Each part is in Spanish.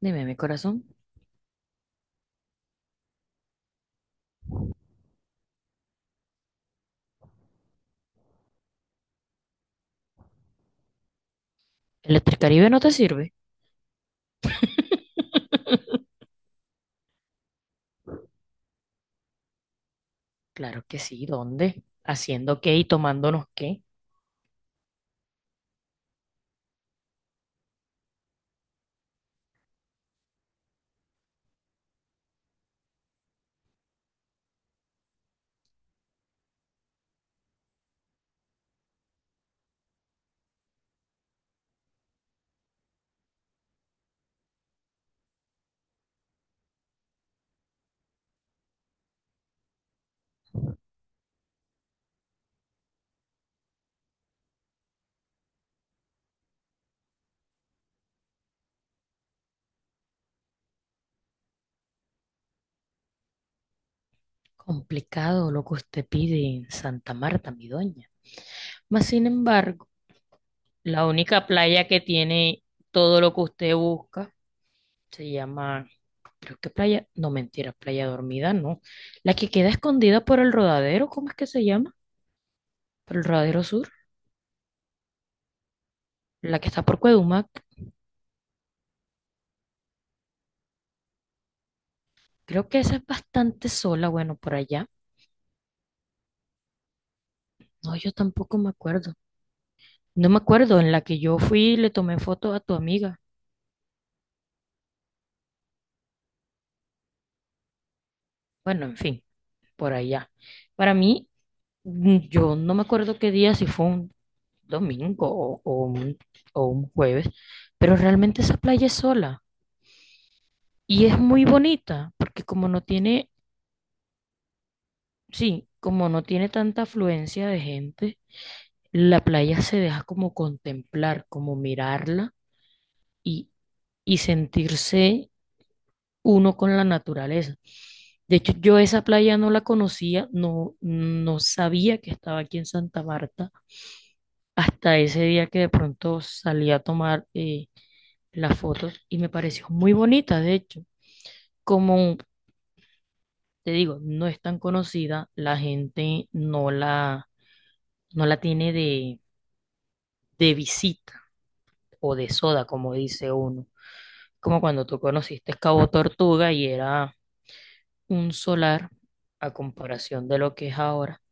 Dime, mi corazón. ¿Electricaribe no te sirve? Claro que sí, ¿dónde? ¿Haciendo qué y tomándonos qué? Complicado lo que usted pide en Santa Marta, mi doña. Mas, sin embargo, la única playa que tiene todo lo que usted busca se llama, creo que playa, no mentira, playa dormida, no. La que queda escondida por el rodadero, ¿cómo es que se llama? Por el rodadero sur, la que está por Cuedumac. Creo que esa es bastante sola, bueno, por allá. No, yo tampoco me acuerdo. No me acuerdo, en la que yo fui y le tomé foto a tu amiga. Bueno, en fin, por allá. Para mí, yo no me acuerdo qué día, si fue un domingo o un jueves, pero realmente esa playa es sola y es muy bonita porque como no tiene, sí, como no tiene tanta afluencia de gente, la playa se deja como contemplar, como mirarla y, y sentirse uno con la naturaleza. De hecho, yo esa playa no la conocía, no, no sabía que estaba aquí en Santa Marta hasta ese día que de pronto salí a tomar las fotos y me pareció muy bonita, de hecho. Como te digo, no es tan conocida, la gente no la tiene de visita o de soda, como dice uno. Como cuando tú conociste Cabo Tortuga y era un solar a comparación de lo que es ahora.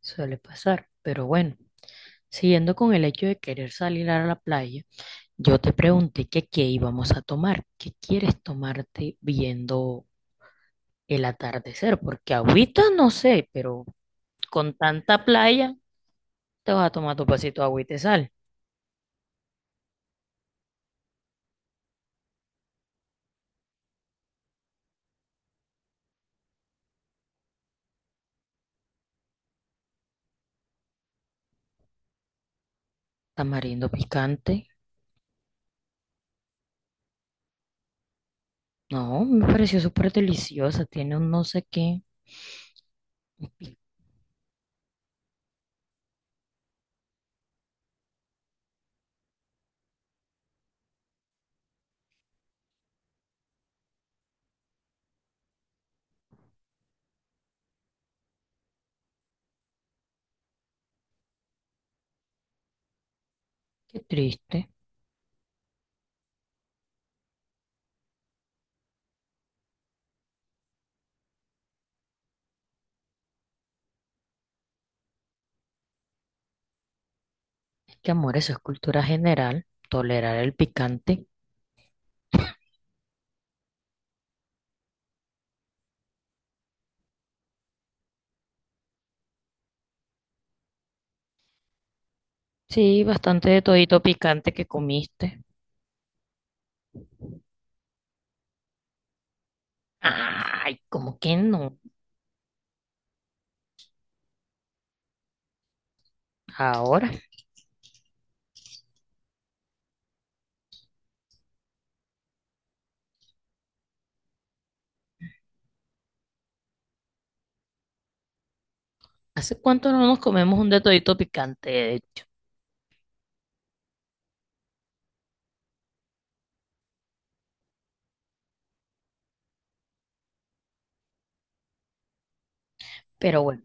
Suele pasar, pero bueno, siguiendo con el hecho de querer salir a la playa, yo te pregunté que qué íbamos a tomar, qué quieres tomarte viendo el atardecer, porque agüita no sé, pero con tanta playa te vas a tomar tu pasito de agüita y sal. Tamarindo picante, no, me pareció súper deliciosa, tiene un no sé qué. Qué triste, es que, amor, eso es cultura general, tolerar el picante. Sí, bastante de todito picante que comiste. Ay, como que no? Ahora, ¿hace cuánto no nos comemos un detallito picante, de hecho? Pero bueno,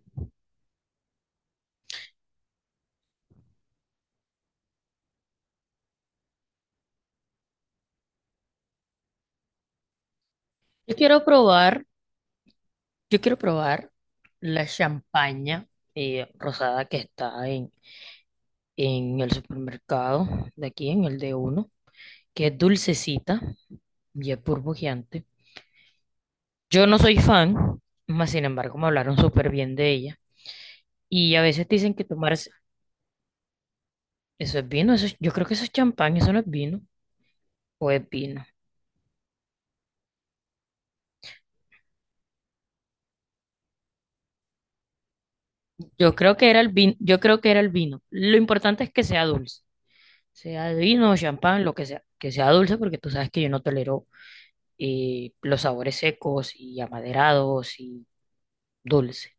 yo quiero probar, yo quiero probar la champaña rosada que está en el supermercado de aquí, en el de uno, que es dulcecita y es burbujeante. Yo no soy fan, mas sin embargo me hablaron súper bien de ella. Y a veces dicen que tomar eso es vino, eso yo creo que eso es champaña, eso no es vino, o es vino. Yo creo que era el vino. Lo importante es que sea dulce, sea de vino, champán, lo que sea dulce, porque tú sabes que yo no tolero los sabores secos y amaderados y dulce.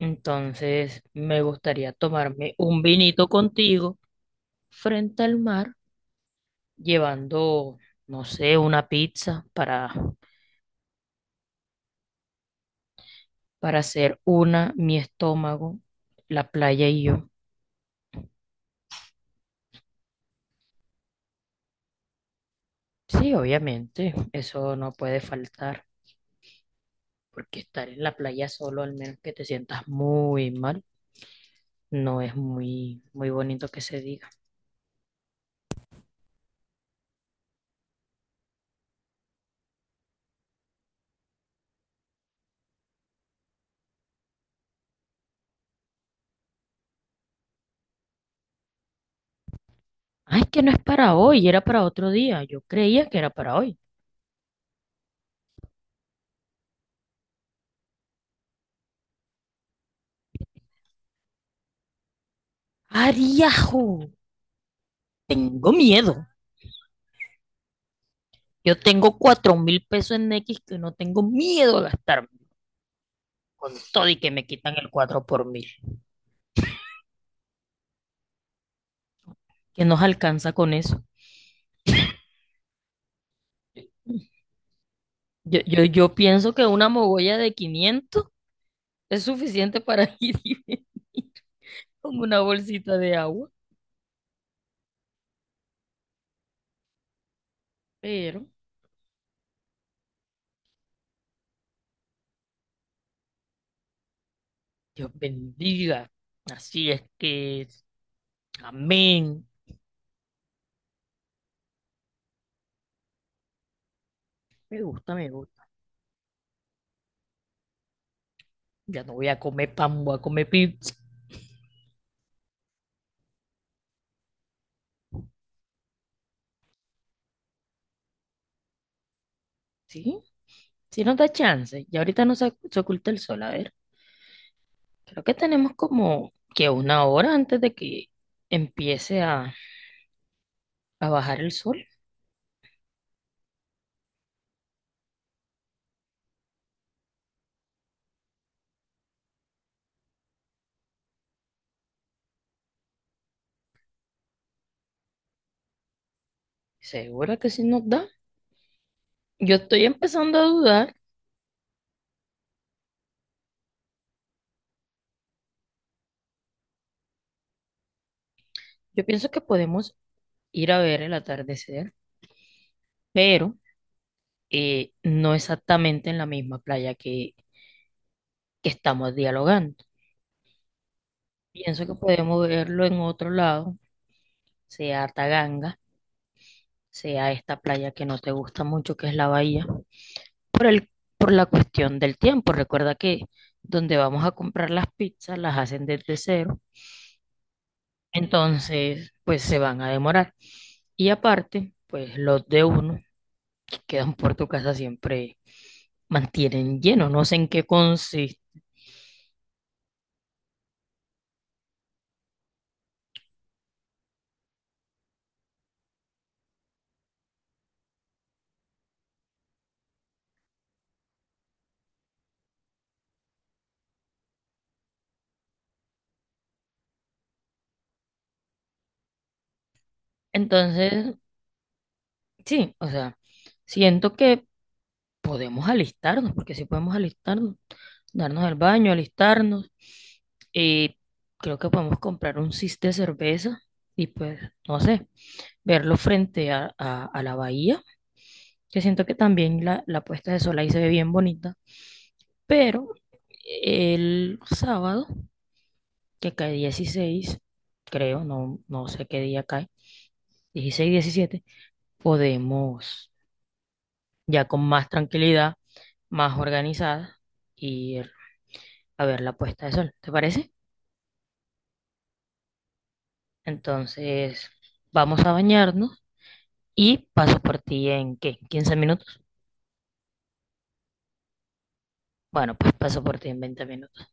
Entonces, me gustaría tomarme un vinito contigo frente al mar, llevando, no sé, una pizza para hacer una, mi estómago, la playa y yo. Sí, obviamente, eso no puede faltar, porque estar en la playa solo, al menos que te sientas muy mal, no es muy bonito que se diga. Ay, que no es para hoy, era para otro día. Yo creía que era para hoy. ¡Ariajo! Tengo miedo. Yo tengo 4.000 pesos en X que no tengo miedo a gastarme con todo y que me quitan el cuatro por mil. ¿Qué nos alcanza con eso? Yo pienso que una mogolla de 500 es suficiente para ir y venir con una bolsita de agua, pero Dios bendiga. Así es que, amén. Me gusta, me gusta. Ya no voy a comer pan, voy a comer pizza. ¿Sí? Sí nos da chance. Y ahorita no se, se oculta el sol. A ver, creo que tenemos como que 1 hora antes de que empiece a bajar el sol. ¿Seguro que sí nos da? Yo estoy empezando a dudar. Yo pienso que podemos ir a ver el atardecer, pero no exactamente en la misma playa que estamos dialogando. Pienso que podemos verlo en otro lado, sea a Taganga, sea a esta playa que no te gusta mucho, que es la bahía, por el, por la cuestión del tiempo. Recuerda que donde vamos a comprar las pizzas las hacen desde cero, entonces pues se van a demorar. Y aparte, pues los de uno que quedan por tu casa siempre mantienen lleno, no sé en qué consiste. Entonces, sí, o sea, siento que porque sí podemos alistarnos, darnos el baño, alistarnos. Y creo que podemos comprar un cis de cerveza y pues, no sé, verlo frente a la bahía. Yo siento que también la puesta de sol ahí se ve bien bonita. Pero el sábado, que cae 16 creo, no, no sé qué día cae, 16, 17, podemos ya con más tranquilidad, más organizada, ir a ver la puesta de sol. ¿Te parece? Entonces, vamos a bañarnos y paso por ti en ¿qué? ¿15 minutos? Bueno, pues paso por ti en 20 minutos.